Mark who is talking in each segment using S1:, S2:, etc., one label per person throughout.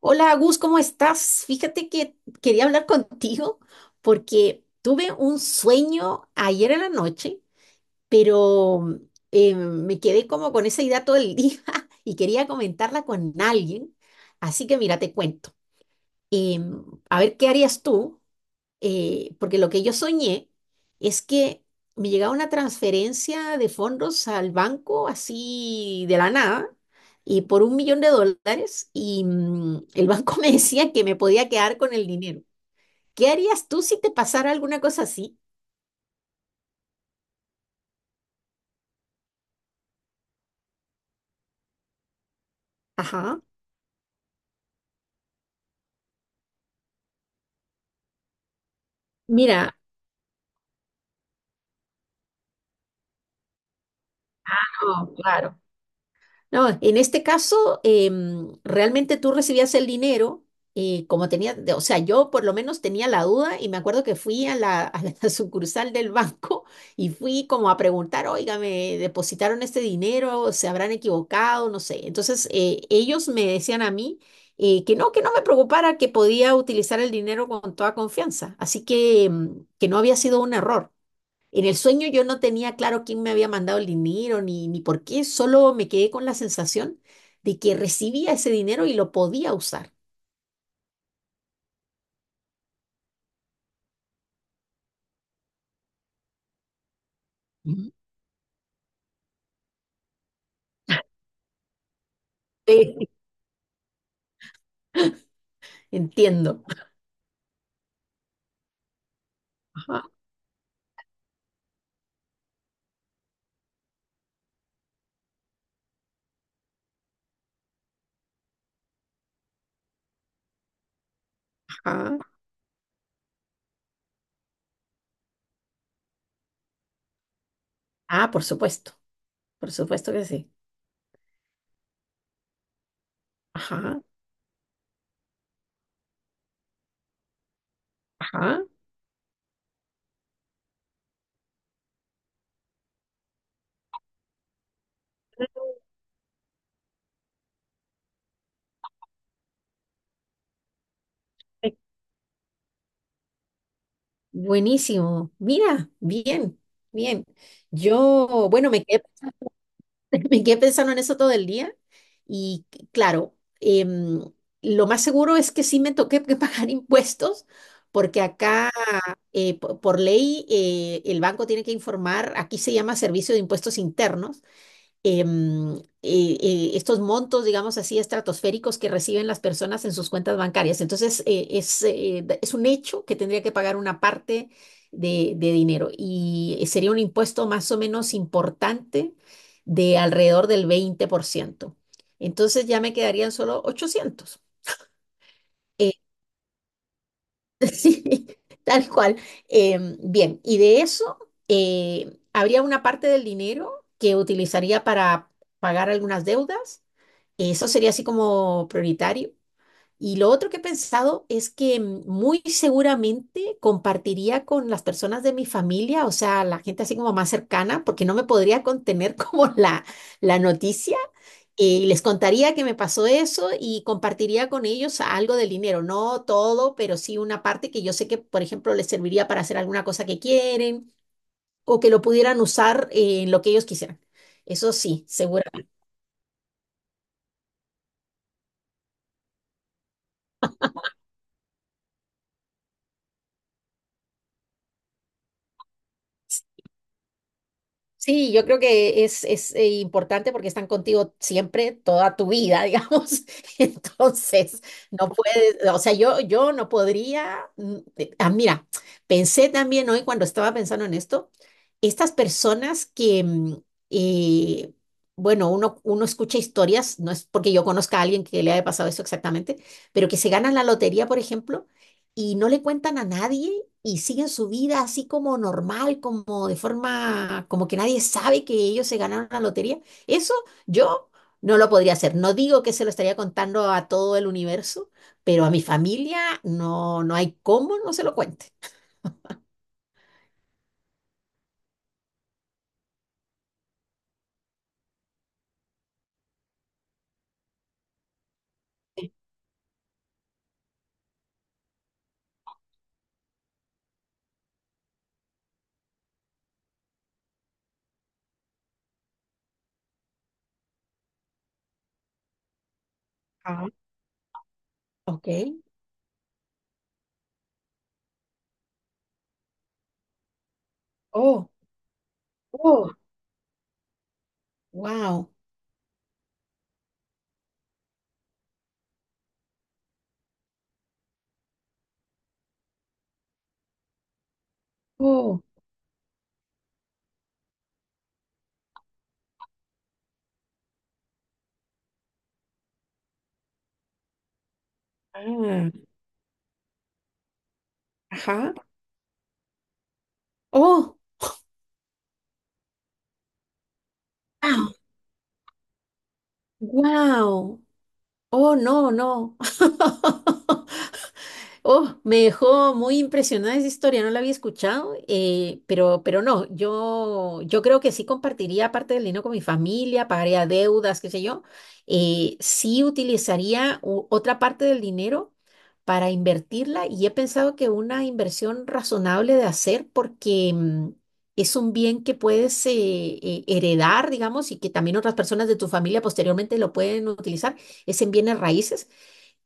S1: Hola, Agus, ¿cómo estás? Fíjate que quería hablar contigo porque tuve un sueño ayer en la noche, pero me quedé como con esa idea todo el día y quería comentarla con alguien. Así que mira, te cuento. A ver, ¿qué harías tú? Porque lo que yo soñé es que me llegaba una transferencia de fondos al banco así de la nada y por 1 millón de dólares y el banco me decía que me podía quedar con el dinero. ¿Qué harías tú si te pasara alguna cosa así? Ajá. Mira, no, claro. No, en este caso, realmente tú recibías el dinero, como tenía, o sea, yo por lo menos tenía la duda y me acuerdo que fui a la sucursal del banco y fui como a preguntar, oiga, me depositaron este dinero, se habrán equivocado, no sé. Entonces, ellos me decían a mí que no me preocupara, que podía utilizar el dinero con toda confianza. Así que, que no había sido un error. En el sueño yo no tenía claro quién me había mandado el dinero ni por qué, solo me quedé con la sensación de que recibía ese dinero y lo podía usar. Ujú. Sí. Entiendo. Ajá, ajá. Ah, por supuesto que sí. Ajá, ajá. Eh, Buenísimo. Mira, bien, bien. Yo, bueno, me quedé Me quedé pensando en eso todo el día y claro, lo más seguro es que sí me toque que pagar impuestos porque acá por ley el banco tiene que informar. Aquí se llama Servicio de Impuestos Internos. Estos montos, digamos así, estratosféricos que reciben las personas en sus cuentas bancarias. Entonces, es un hecho que tendría que pagar una parte de dinero y sería un impuesto más o menos importante de alrededor del 20%. Entonces, ya me quedarían solo 800. Sí, tal cual. Bien, y de eso habría una parte del dinero que utilizaría para pagar algunas deudas. Eso sería así como prioritario. Y lo otro que he pensado es que muy seguramente compartiría con las personas de mi familia, o sea, la gente así como más cercana, porque no me podría contener como la noticia. Y les contaría que me pasó eso y compartiría con ellos algo del dinero, no todo, pero sí una parte que yo sé que, por ejemplo, les serviría para hacer alguna cosa que quieren o que lo pudieran usar en lo que ellos quisieran. Eso sí, seguramente. Sí, yo creo que es importante porque están contigo siempre, toda tu vida, digamos. Entonces, no puedes, o sea, yo no podría. Ah, mira, pensé también hoy cuando estaba pensando en esto, estas personas que, eh, bueno, uno escucha historias, no es porque yo conozca a alguien que le haya pasado eso exactamente, pero que se ganan la lotería, por ejemplo, y no le cuentan a nadie y siguen su vida así como normal, como de forma, como que nadie sabe que ellos se ganaron la lotería. Eso yo no lo podría hacer. No digo que se lo estaría contando a todo el universo, pero a mi familia no, no hay cómo no se lo cuente. Ah, ok. Oh, oh, wow. Oh, ah, ajá. Oh, wow. Wow. Oh, no, no. Oh, me dejó muy impresionada esa historia, no la había escuchado, pero no, yo creo que sí compartiría parte del dinero con mi familia, pagaría deudas, qué sé yo. Sí utilizaría otra parte del dinero para invertirla y he pensado que una inversión razonable de hacer porque es un bien que puedes heredar, digamos, y que también otras personas de tu familia posteriormente lo pueden utilizar, es en bienes raíces.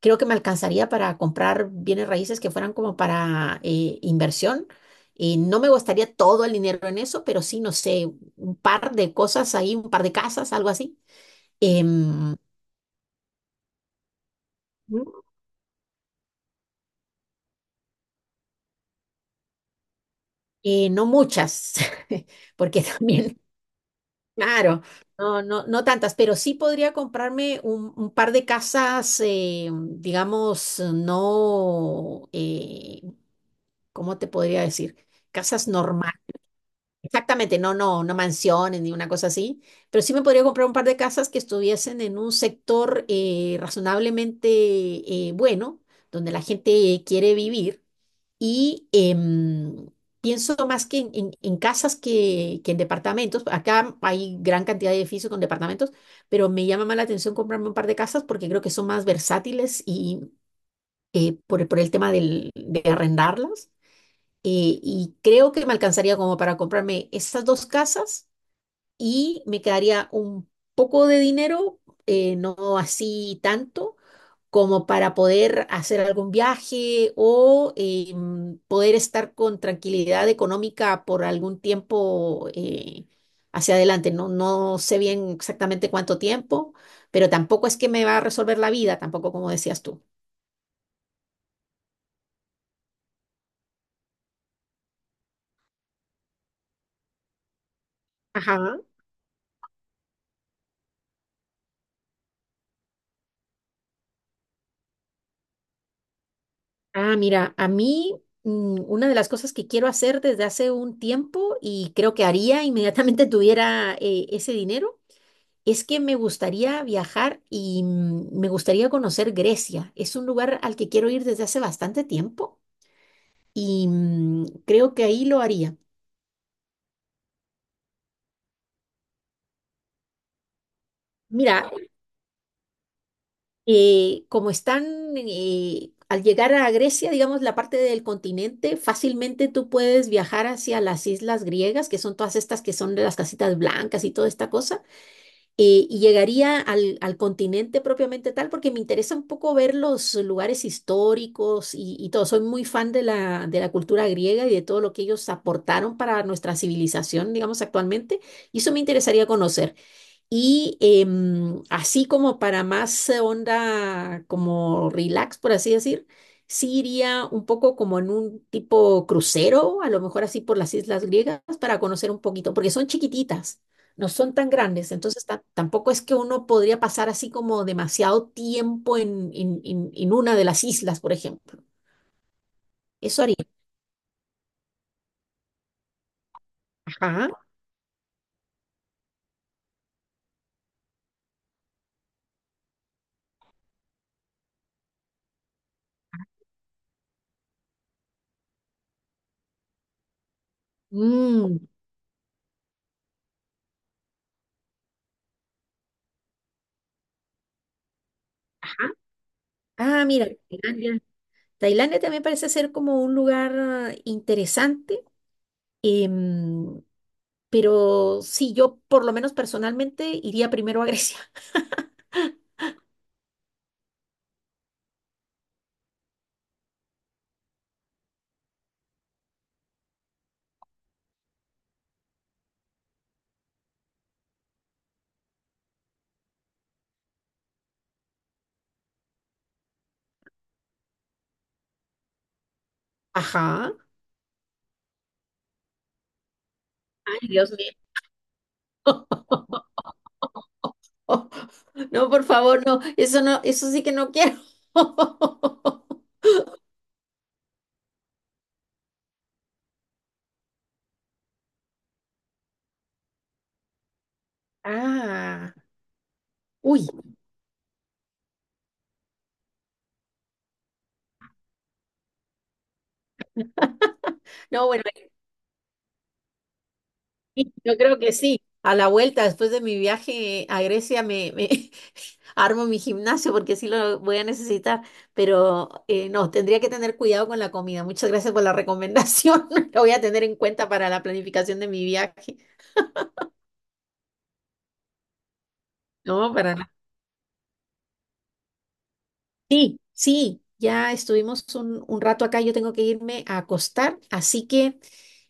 S1: Creo que me alcanzaría para comprar bienes raíces que fueran como para inversión. Y no me gustaría todo el dinero en eso, pero sí, no sé, un par de cosas ahí, un par de casas, algo así. Em, no muchas, porque también, claro, no, no, no tantas, pero sí podría comprarme un par de casas, digamos, no, ¿cómo te podría decir? Casas normales. Exactamente, no, no, no mansiones ni una cosa así, pero sí me podría comprar un par de casas que estuviesen en un sector razonablemente bueno, donde la gente quiere vivir y pienso más que en, en casas que en departamentos. Acá hay gran cantidad de edificios con departamentos, pero me llama más la atención comprarme un par de casas porque creo que son más versátiles y por, por el tema de arrendarlas y creo que me alcanzaría como para comprarme esas dos casas y me quedaría un poco de dinero, no así tanto, como para poder hacer algún viaje o poder estar con tranquilidad económica por algún tiempo hacia adelante. No, no sé bien exactamente cuánto tiempo, pero tampoco es que me va a resolver la vida, tampoco como decías tú. Ajá. Ah, mira, a mí una de las cosas que quiero hacer desde hace un tiempo y creo que haría inmediatamente tuviera ese dinero. Es que me gustaría viajar y me gustaría conocer Grecia. Es un lugar al que quiero ir desde hace bastante tiempo y creo que ahí lo haría. Mira, como están al llegar a Grecia, digamos, la parte del continente, fácilmente tú puedes viajar hacia las islas griegas, que son todas estas que son de las casitas blancas y toda esta cosa. Y llegaría al continente propiamente tal, porque me interesa un poco ver los lugares históricos y todo. Soy muy fan de la cultura griega y de todo lo que ellos aportaron para nuestra civilización, digamos, actualmente, y eso me interesaría conocer. Y así como para más onda, como relax, por así decir, sí iría un poco como en un tipo crucero, a lo mejor así por las islas griegas, para conocer un poquito, porque son chiquititas, no son tan grandes, entonces tampoco es que uno podría pasar así como demasiado tiempo en una de las islas, por ejemplo. Eso haría. Ajá. Mm, ajá. Ah, mira, Tailandia. Tailandia también parece ser como un lugar interesante. Em, pero sí, yo por lo menos personalmente iría primero a Grecia. Ajá. Ay, Dios mío. No, por favor, no. Eso no, eso sí que no quiero. Ah, uy. No, bueno, sí, yo creo que sí. A la vuelta, después de mi viaje a Grecia, me armo mi gimnasio porque sí lo voy a necesitar. Pero no, tendría que tener cuidado con la comida. Muchas gracias por la recomendación. Lo voy a tener en cuenta para la planificación de mi viaje. No, para nada. Sí, sí, ya estuvimos un rato acá. Yo tengo que irme a acostar. Así que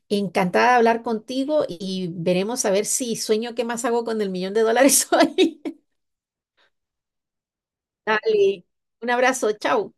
S1: encantada de hablar contigo y veremos a ver si sueño qué más hago con el 1 millón de dólares hoy. Dale, un abrazo, chao.